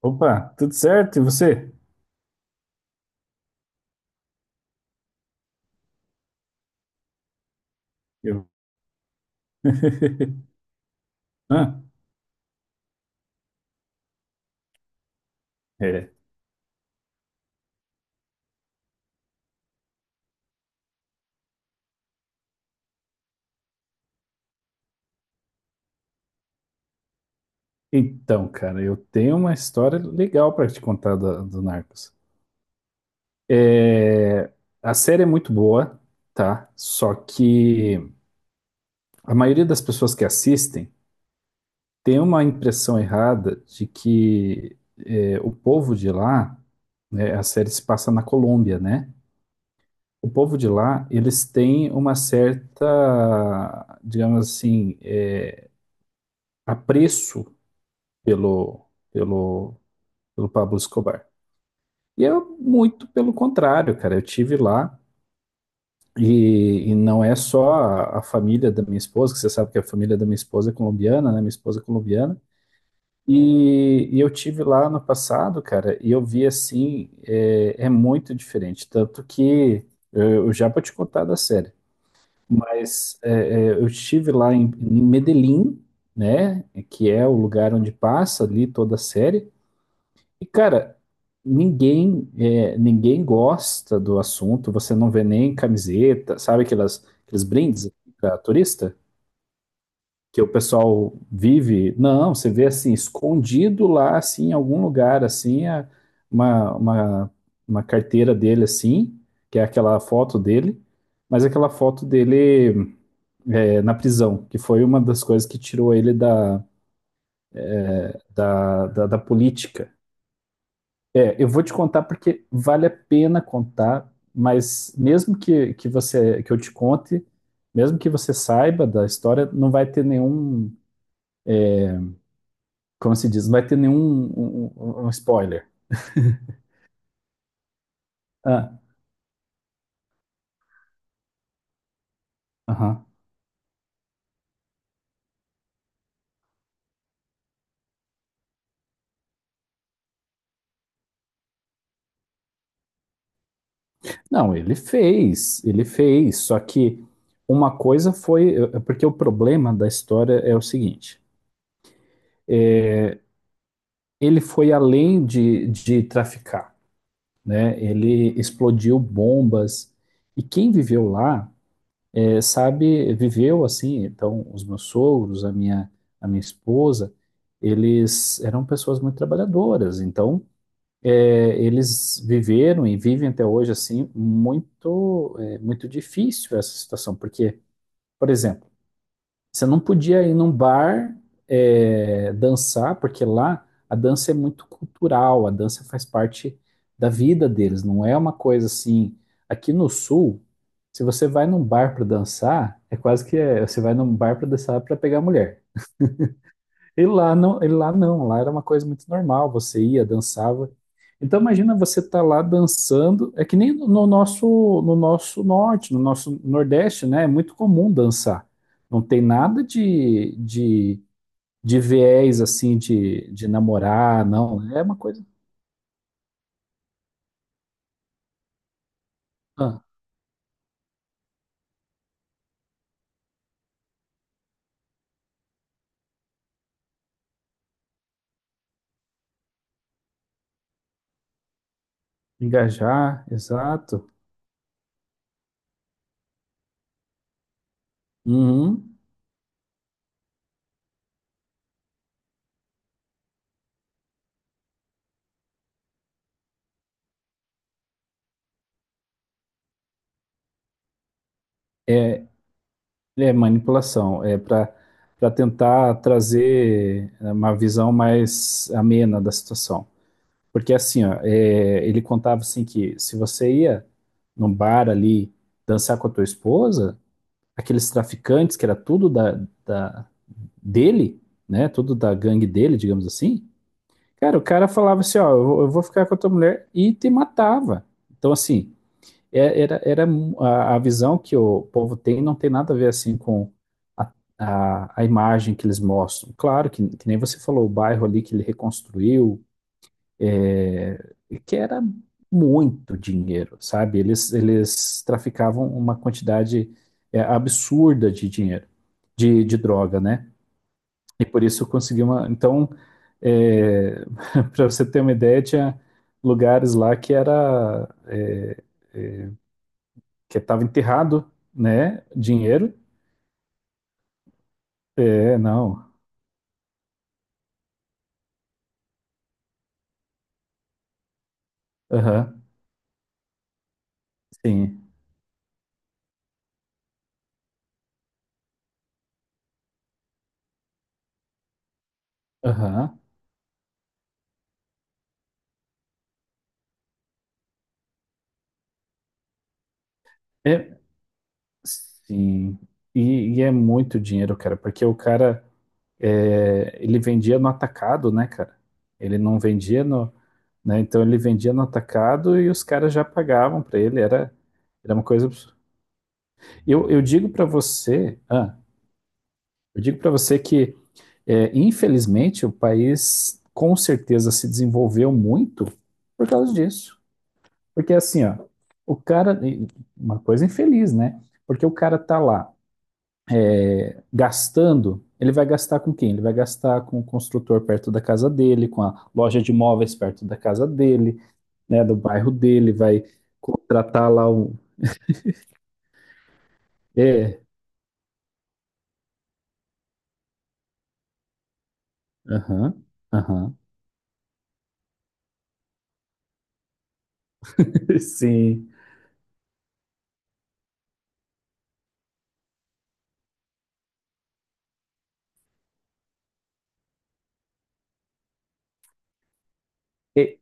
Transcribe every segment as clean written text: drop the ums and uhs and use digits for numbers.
Opa, tudo certo? E você? Eu. Ah, é. Então, cara, eu tenho uma história legal para te contar do Narcos. É, a série é muito boa, tá? Só que a maioria das pessoas que assistem tem uma impressão errada de que o povo de lá, né, a série se passa na Colômbia, né? O povo de lá, eles têm uma certa, digamos assim, apreço pelo, pelo, pelo Pablo Escobar. E eu, muito pelo contrário, cara, eu tive lá e não é só a família da minha esposa, que você sabe que a família da minha esposa é colombiana, né? Minha esposa é colombiana. E eu tive lá no passado, cara, e eu vi assim, é muito diferente. Tanto que eu já vou te contar da série, mas eu estive lá em Medellín, né? Que é o lugar onde passa ali toda a série. E, cara, ninguém gosta do assunto, você não vê nem camiseta, sabe aquelas, aqueles brindes para turista que o pessoal vive? Não, você vê assim, escondido lá, assim, em algum lugar, assim, uma, uma, uma carteira dele, assim, que é aquela foto dele, mas aquela foto dele na prisão, que foi uma das coisas que tirou ele da, da política. Eu vou te contar porque vale a pena contar, mas mesmo que você que eu te conte, mesmo que você saiba da história, não vai ter nenhum, como se diz, não vai ter nenhum um spoiler. Ah, aham. Não, ele fez, só que uma coisa foi, porque o problema da história é o seguinte, ele foi além de traficar, né? Ele explodiu bombas e quem viveu lá sabe, viveu assim, então os meus sogros, a minha, esposa, eles eram pessoas muito trabalhadoras, então eles viveram e vivem até hoje assim muito, muito difícil essa situação, porque, por exemplo, você não podia ir num bar dançar, porque lá a dança é muito cultural, a dança faz parte da vida deles, não é uma coisa assim. Aqui no Sul, se você vai num bar para dançar, é quase que você vai num bar para dançar para pegar mulher. E lá não, lá era uma coisa muito normal, você ia, dançava. Então imagina você estar lá dançando, é que nem no nosso norte, no nosso nordeste, né? É muito comum dançar. Não tem nada de viés assim de namorar, não. É uma coisa ah, engajar, exato. Uhum. É, é manipulação, é para tentar trazer uma visão mais amena da situação. Porque assim, ó, ele contava assim que se você ia num bar ali dançar com a tua esposa, aqueles traficantes que era tudo dele, né? Tudo da gangue dele, digamos assim. Cara, o cara falava assim, ó, eu vou ficar com a tua mulher e te matava. Então assim, era a visão que o povo tem não tem nada a ver assim com a, a imagem que eles mostram. Claro que nem você falou, o bairro ali que ele reconstruiu, é, que era muito dinheiro, sabe? Eles traficavam uma quantidade absurda de dinheiro, de droga, né? E por isso conseguiu uma. Então, é, para você ter uma ideia, tinha lugares lá que era que estava enterrado, né? Dinheiro. É, não. Aham. Sim. Aham. É, sim. E é muito dinheiro, cara, porque o cara ele vendia no atacado, né, cara? Ele não vendia no, né? Então ele vendia no atacado e os caras já pagavam para ele. Era uma coisa absurda. Eu digo para você, que infelizmente o país com certeza se desenvolveu muito por causa disso, porque assim, ó, o cara, uma coisa infeliz, né? Porque o cara tá lá gastando, ele vai gastar com quem? Ele vai gastar com o construtor perto da casa dele, com a loja de imóveis perto da casa dele, né, do bairro dele, vai contratar lá o. É, aham, aham, sim. E,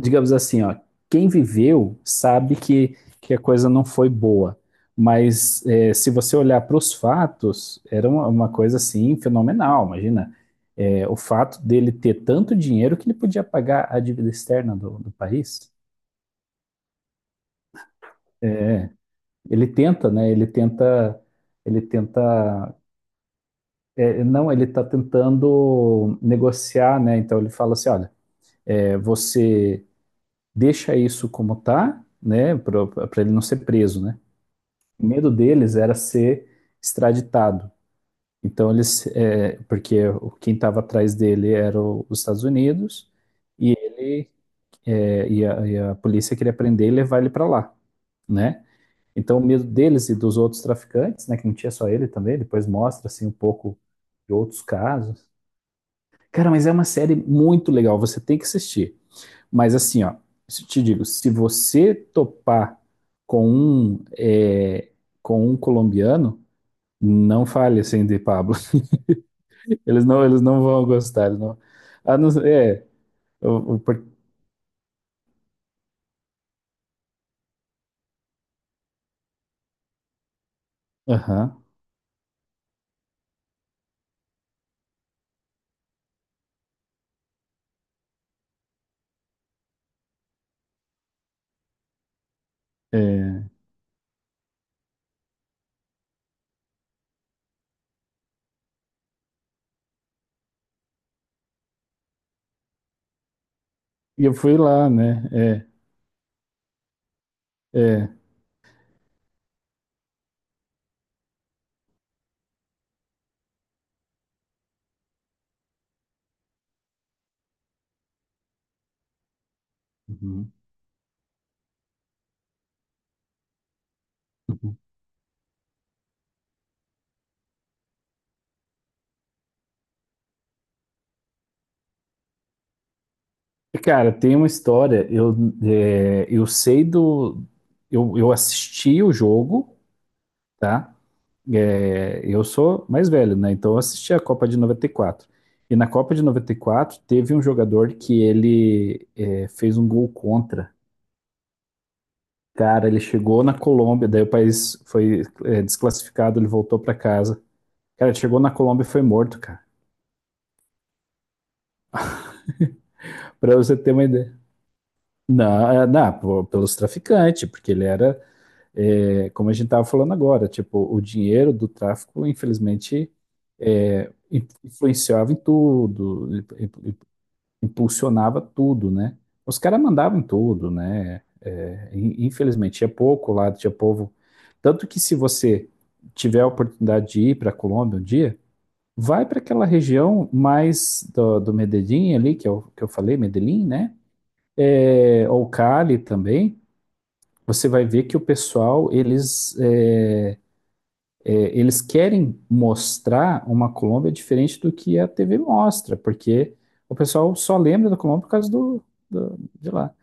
digamos assim, ó, quem viveu sabe que a coisa não foi boa, mas se você olhar para os fatos, era uma coisa assim fenomenal, imagina. O fato dele ter tanto dinheiro que ele podia pagar a dívida externa do país. Ele tenta, né? Ele tenta, não, ele está tentando negociar, né? Então ele fala assim, olha, você deixa isso como tá, né? Para ele não ser preso, né? O medo deles era ser extraditado. Então porque quem estava atrás dele era os Estados Unidos e ele e a polícia queria prender e levar ele para lá, né? Então, o medo deles e dos outros traficantes, né, que não tinha só ele também, depois mostra assim um pouco de outros casos. Cara, mas é uma série muito legal, você tem que assistir. Mas assim, ó, te digo, se você topar com um colombiano, não fale assim de Pablo. Eles não vão gostar, eles não. Ah, não, eu, eu, por- aham, é. E eu fui lá, né? É, é. Uhum. Uhum. Cara, tem uma história. Eu sei do. Eu assisti o jogo, tá? É, eu sou mais velho, né? Então eu assisti a Copa de 94. E na Copa de 94 teve um jogador que ele fez um gol contra. Cara, ele chegou na Colômbia, daí o país foi desclassificado, ele voltou pra casa. Cara, ele chegou na Colômbia e foi morto, cara. Pra você ter uma ideia. Não, não, pô, pelos traficantes, porque ele era. É, como a gente estava falando agora, tipo, o dinheiro do tráfico, infelizmente, influenciava em tudo, impulsionava tudo, né? Os caras mandavam em tudo, né? É, infelizmente, tinha pouco lá, tinha povo. Tanto que se você tiver a oportunidade de ir para a Colômbia um dia, vai para aquela região mais do Medellín ali, que eu falei, Medellín, né? É, ou Cali também. Você vai ver que o pessoal, eles querem mostrar uma Colômbia diferente do que a TV mostra, porque o pessoal só lembra da Colômbia por causa de lá.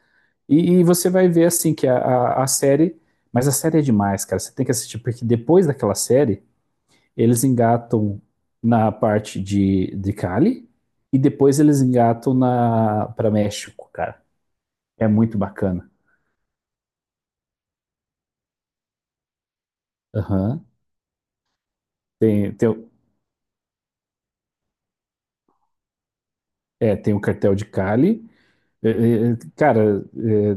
E você vai ver assim que a série, mas a série é demais, cara. Você tem que assistir porque depois daquela série eles engatam na parte de Cali e depois eles engatam na para México, cara. É muito bacana. Aham. Tem, tem, o- tem o cartel de Cali. É, é, é, cara,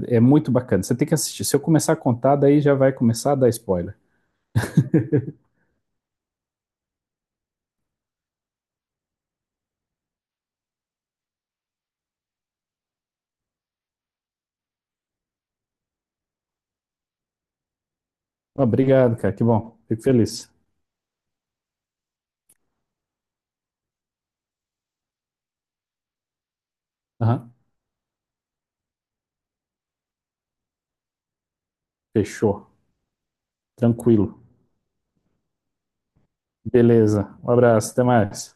é muito bacana. Você tem que assistir. Se eu começar a contar, daí já vai começar a dar spoiler. Ah, obrigado, cara. Que bom. Fico feliz. Aham. Fechou. Tranquilo. Beleza. Um abraço. Até mais.